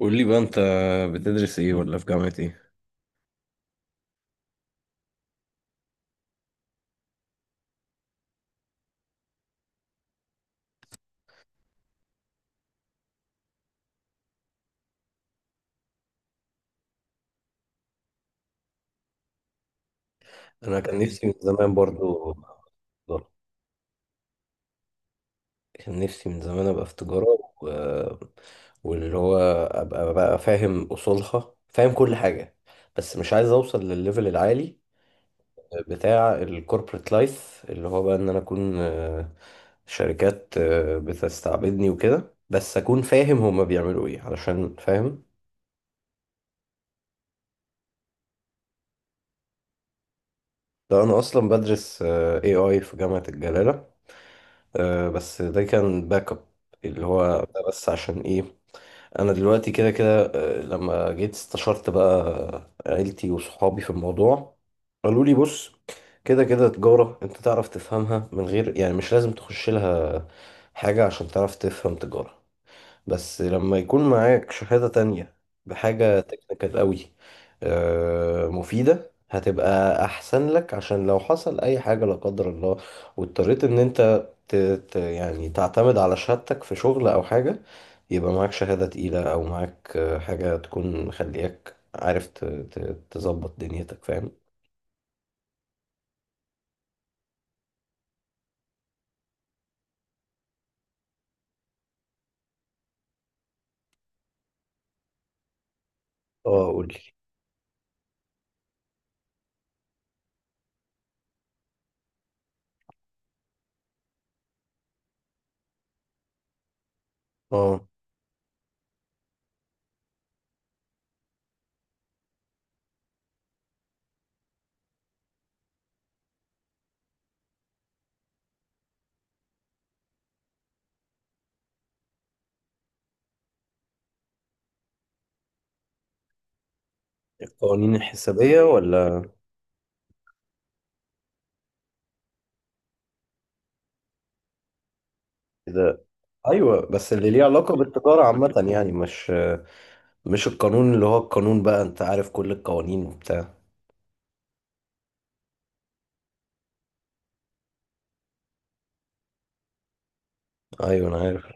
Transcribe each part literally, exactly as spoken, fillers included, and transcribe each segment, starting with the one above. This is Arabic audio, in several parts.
قول لي بقى، انت بتدرس ايه ولا في جامعة ايه؟ انا كان نفسي من زمان برضو تجارة. كان نفسي من زمان ابقى في تجارة و... واللي هو ابقى بقى فاهم اصولها، فاهم كل حاجة، بس مش عايز اوصل للليفل العالي بتاع الكوربريت لايف، اللي هو بقى ان انا اكون آه، شركات آه، بتستعبدني وكده، بس اكون فاهم هما بيعملوا ايه، علشان فاهم. ده انا اصلا بدرس آه، إيه آي في جامعة الجلالة، آه، بس ده كان باك اب، اللي هو ده بس عشان ايه. انا دلوقتي كده كده، آه، لما جيت استشرت بقى عيلتي وصحابي في الموضوع، قالوا لي بص، كده كده تجارة انت تعرف تفهمها، من غير يعني، مش لازم تخش لها حاجة عشان تعرف تفهم تجارة، بس لما يكون معاك شهادة تانية بحاجة تكنيكال قوي آه، مفيدة، هتبقى أحسن لك عشان لو حصل أي حاجة لا قدر الله واضطريت إن أنت ت... ت... يعني تعتمد على شهادتك في شغل أو حاجة، يبقى معاك شهادة تقيلة، أو معاك آه، حاجة تكون مخلياك عارف ت... ت... تظبط دنيتك، فاهم؟ اه، قولي. اه، القوانين الحسابية ولا كده؟ أيوه، بس اللي ليه علاقة بالتجارة عامة، يعني مش مش القانون، اللي هو القانون بقى انت عارف كل القوانين وبتاع. ايوه انا عارف.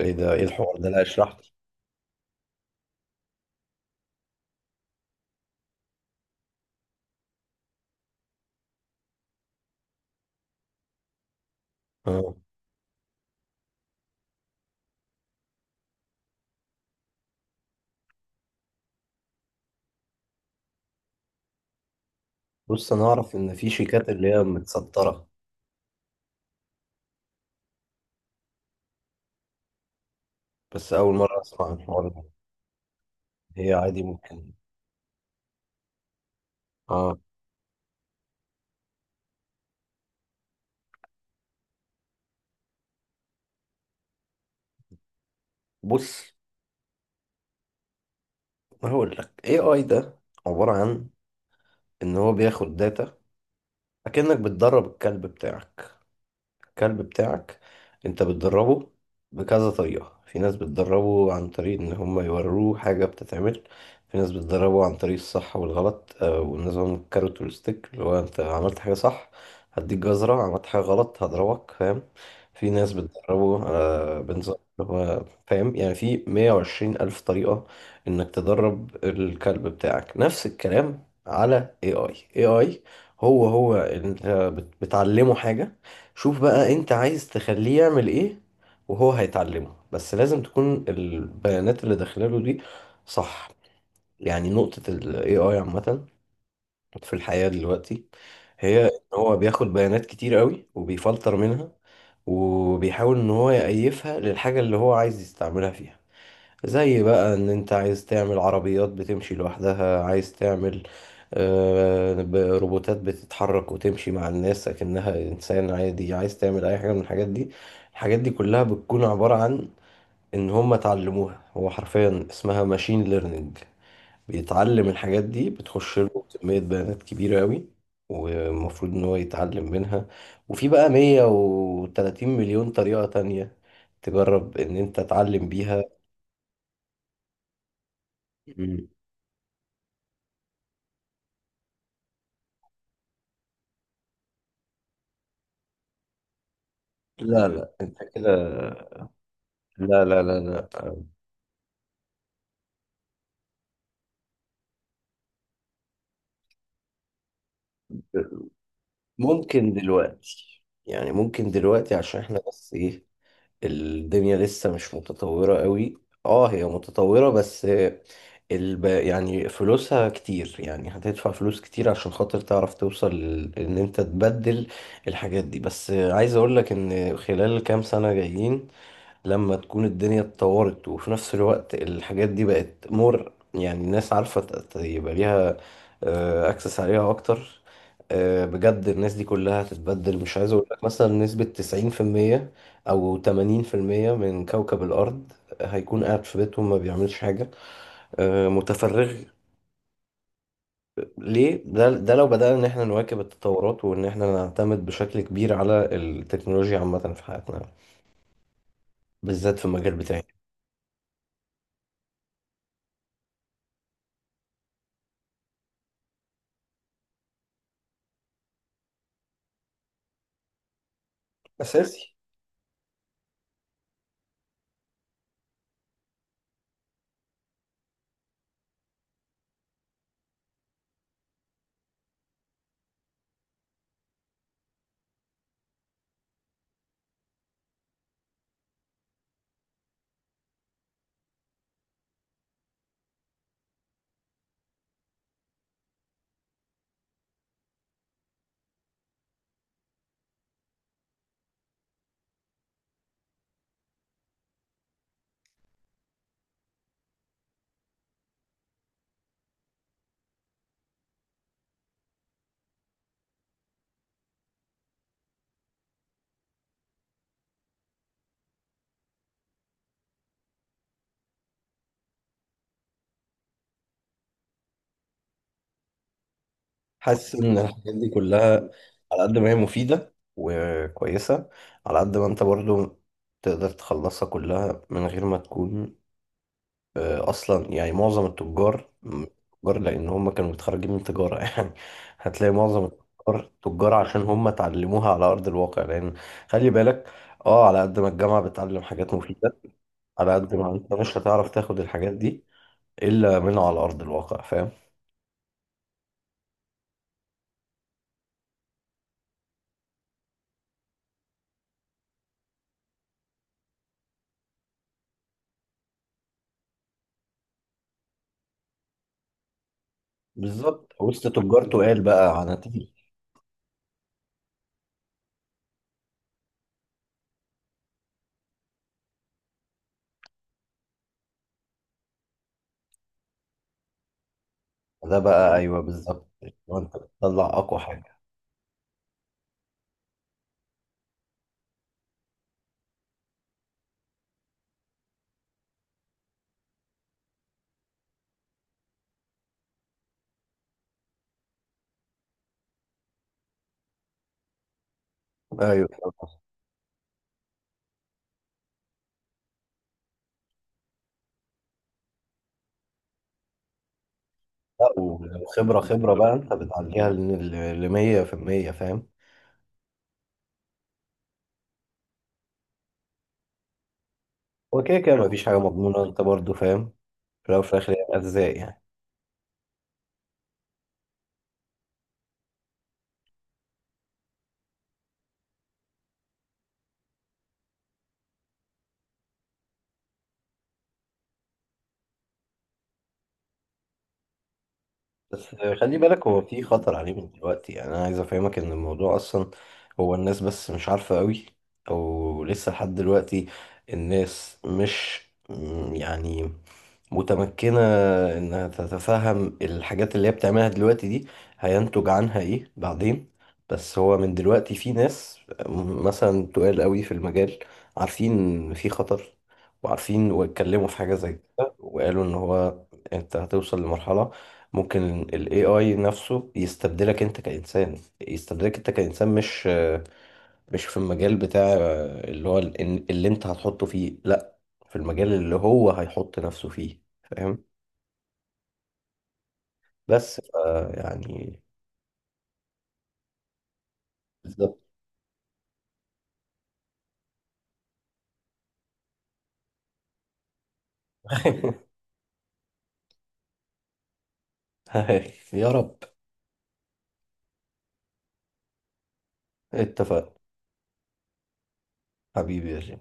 ايه ده، ايه الحوار ده؟ لا، اشرح لي. اه، بص، انا اعرف ان في شيكات اللي هي متستره، بس اول مره اسمع عن الحوار ده. هي عادي، ممكن. اه، بص، هقول لك، اي اي ده عباره عن ان هو بياخد داتا، اكنك بتدرب الكلب بتاعك. الكلب بتاعك انت بتدربه بكذا طريقة، في ناس بتدربه عن طريق ان هم يوروه حاجة بتتعمل، في ناس بتدربه عن طريق الصح والغلط آه، ونظام الكاروت والستيك، اللي هو انت عملت حاجة صح هديك جزرة، عملت حاجة غلط هضربك، فاهم؟ في ناس بتدربه آه، بنظام اللي هو فاهم، يعني في مية وعشرين ألف طريقة انك تدرب الكلب بتاعك. نفس الكلام على A I. إيه آي هو هو انت بت- بتعلمه حاجة، شوف بقى انت عايز تخليه يعمل ايه وهو هيتعلمه، بس لازم تكون البيانات اللي داخلاله دي صح. يعني نقطة ال A I عامة في الحياة دلوقتي، هي ان هو بياخد بيانات كتير قوي وبيفلتر منها، وبيحاول ان هو يأيفها للحاجة اللي هو عايز يستعملها فيها، زي بقى ان انت عايز تعمل عربيات بتمشي لوحدها، عايز تعمل آه، ب- روبوتات بتتحرك وتمشي مع الناس اكنها انسان عادي، عايز تعمل اي حاجة من الحاجات دي. الحاجات دي كلها بتكون عبارة عن ان هم اتعلموها، هو حرفيا اسمها ماشين ليرنينج، بيتعلم الحاجات دي، بتخش له كمية بيانات كبيرة قوي والمفروض ان هو يتعلم منها، وفي بقى مية وثلاثين مليون طريقة تانية تجرب ان انت تعلم بيها. لا لا، انت كده، لا لا لا لا. ممكن دلوقتي، يعني ممكن دلوقتي عشان احنا بس ايه، الدنيا لسه مش متطورة قوي. اه، هي متطورة، بس الب... يعني فلوسها كتير، يعني هتدفع فلوس كتير عشان خاطر تعرف توصل ل- ان انت تبدل الحاجات دي. بس عايز اقول لك ان خلال كام سنة جايين، لما تكون الدنيا اتطورت وفي نفس الوقت الحاجات دي بقت مور، يعني الناس عارفة ت- ت- يبقى ليها اكسس عليها اكتر، آه، بجد، الناس دي كلها هتتبدل، مش عايز اقول لك مثلا نسبة تسعين في المية او ثمانين في المية من كوكب الارض هيكون قاعد في بيتهم ما بيعملش حاجة، آه، متفرغ. ليه؟ ده ده لو بدأنا ان احنا نواكب التطورات، وان احنا نعتمد بشكل كبير على التكنولوجيا عامة في حياتنا، بالذات في المجال بتاعي. أساسي. حاسس ان الحاجات دي كلها، على قد ما هي مفيدة وكويسة، على قد ما انت برضو تقدر تخلصها كلها من غير ما تكون آه، اصلا، يعني معظم التجار م- تجار لان هم كانوا متخرجين من تجارة يعني، هتلاقي معظم التجار تجار عشان هم اتعلموها على ارض الواقع، لان خلي بالك، اه، على قد ما الجامعة بتعلم حاجات مفيدة، على قد ما انت مش هتعرف تاخد الحاجات دي الا من على ارض الواقع، فاهم؟ بالظبط، وسط تجار تقال بقى، عناتيل. ده بقى ايوه بالظبط، لو انت بتطلع اقوى حاجه. ايوه. لا، ولو خبره خبره بقى انت بتعديها ل مية بالمية، فاهم؟ هو كده كده مفيش حاجه مضمونه، انت برضو فاهم، في الاول وفي الاخر هي ارزاق يعني. بس خلي بالك، هو في خطر عليه من دلوقتي، يعني انا عايز افهمك ان الموضوع اصلا، هو الناس بس مش عارفه قوي، او لسه لحد دلوقتي الناس مش م- يعني متمكنة إنها تتفهم الحاجات اللي هي بتعملها دلوقتي دي، هينتج عنها إيه بعدين. بس هو من دلوقتي في ناس م- مثلا تقال قوي في المجال، عارفين إن في خطر، وعارفين واتكلموا في حاجة زي كده وقالوا إن هو أنت هتوصل لمرحلة ممكن ال إيه آي نفسه يستبدلك أنت كإنسان، يستبدلك أنت كإنسان، مش مش في المجال بتاع اللي هو ال- إن- اللي انت هتحطه فيه، لا، في المجال اللي هو هيحط نفسه فيه، فاهم؟ بس ف- يعني، بالظبط. يا رب. اتفق. حبيبي يا جيم.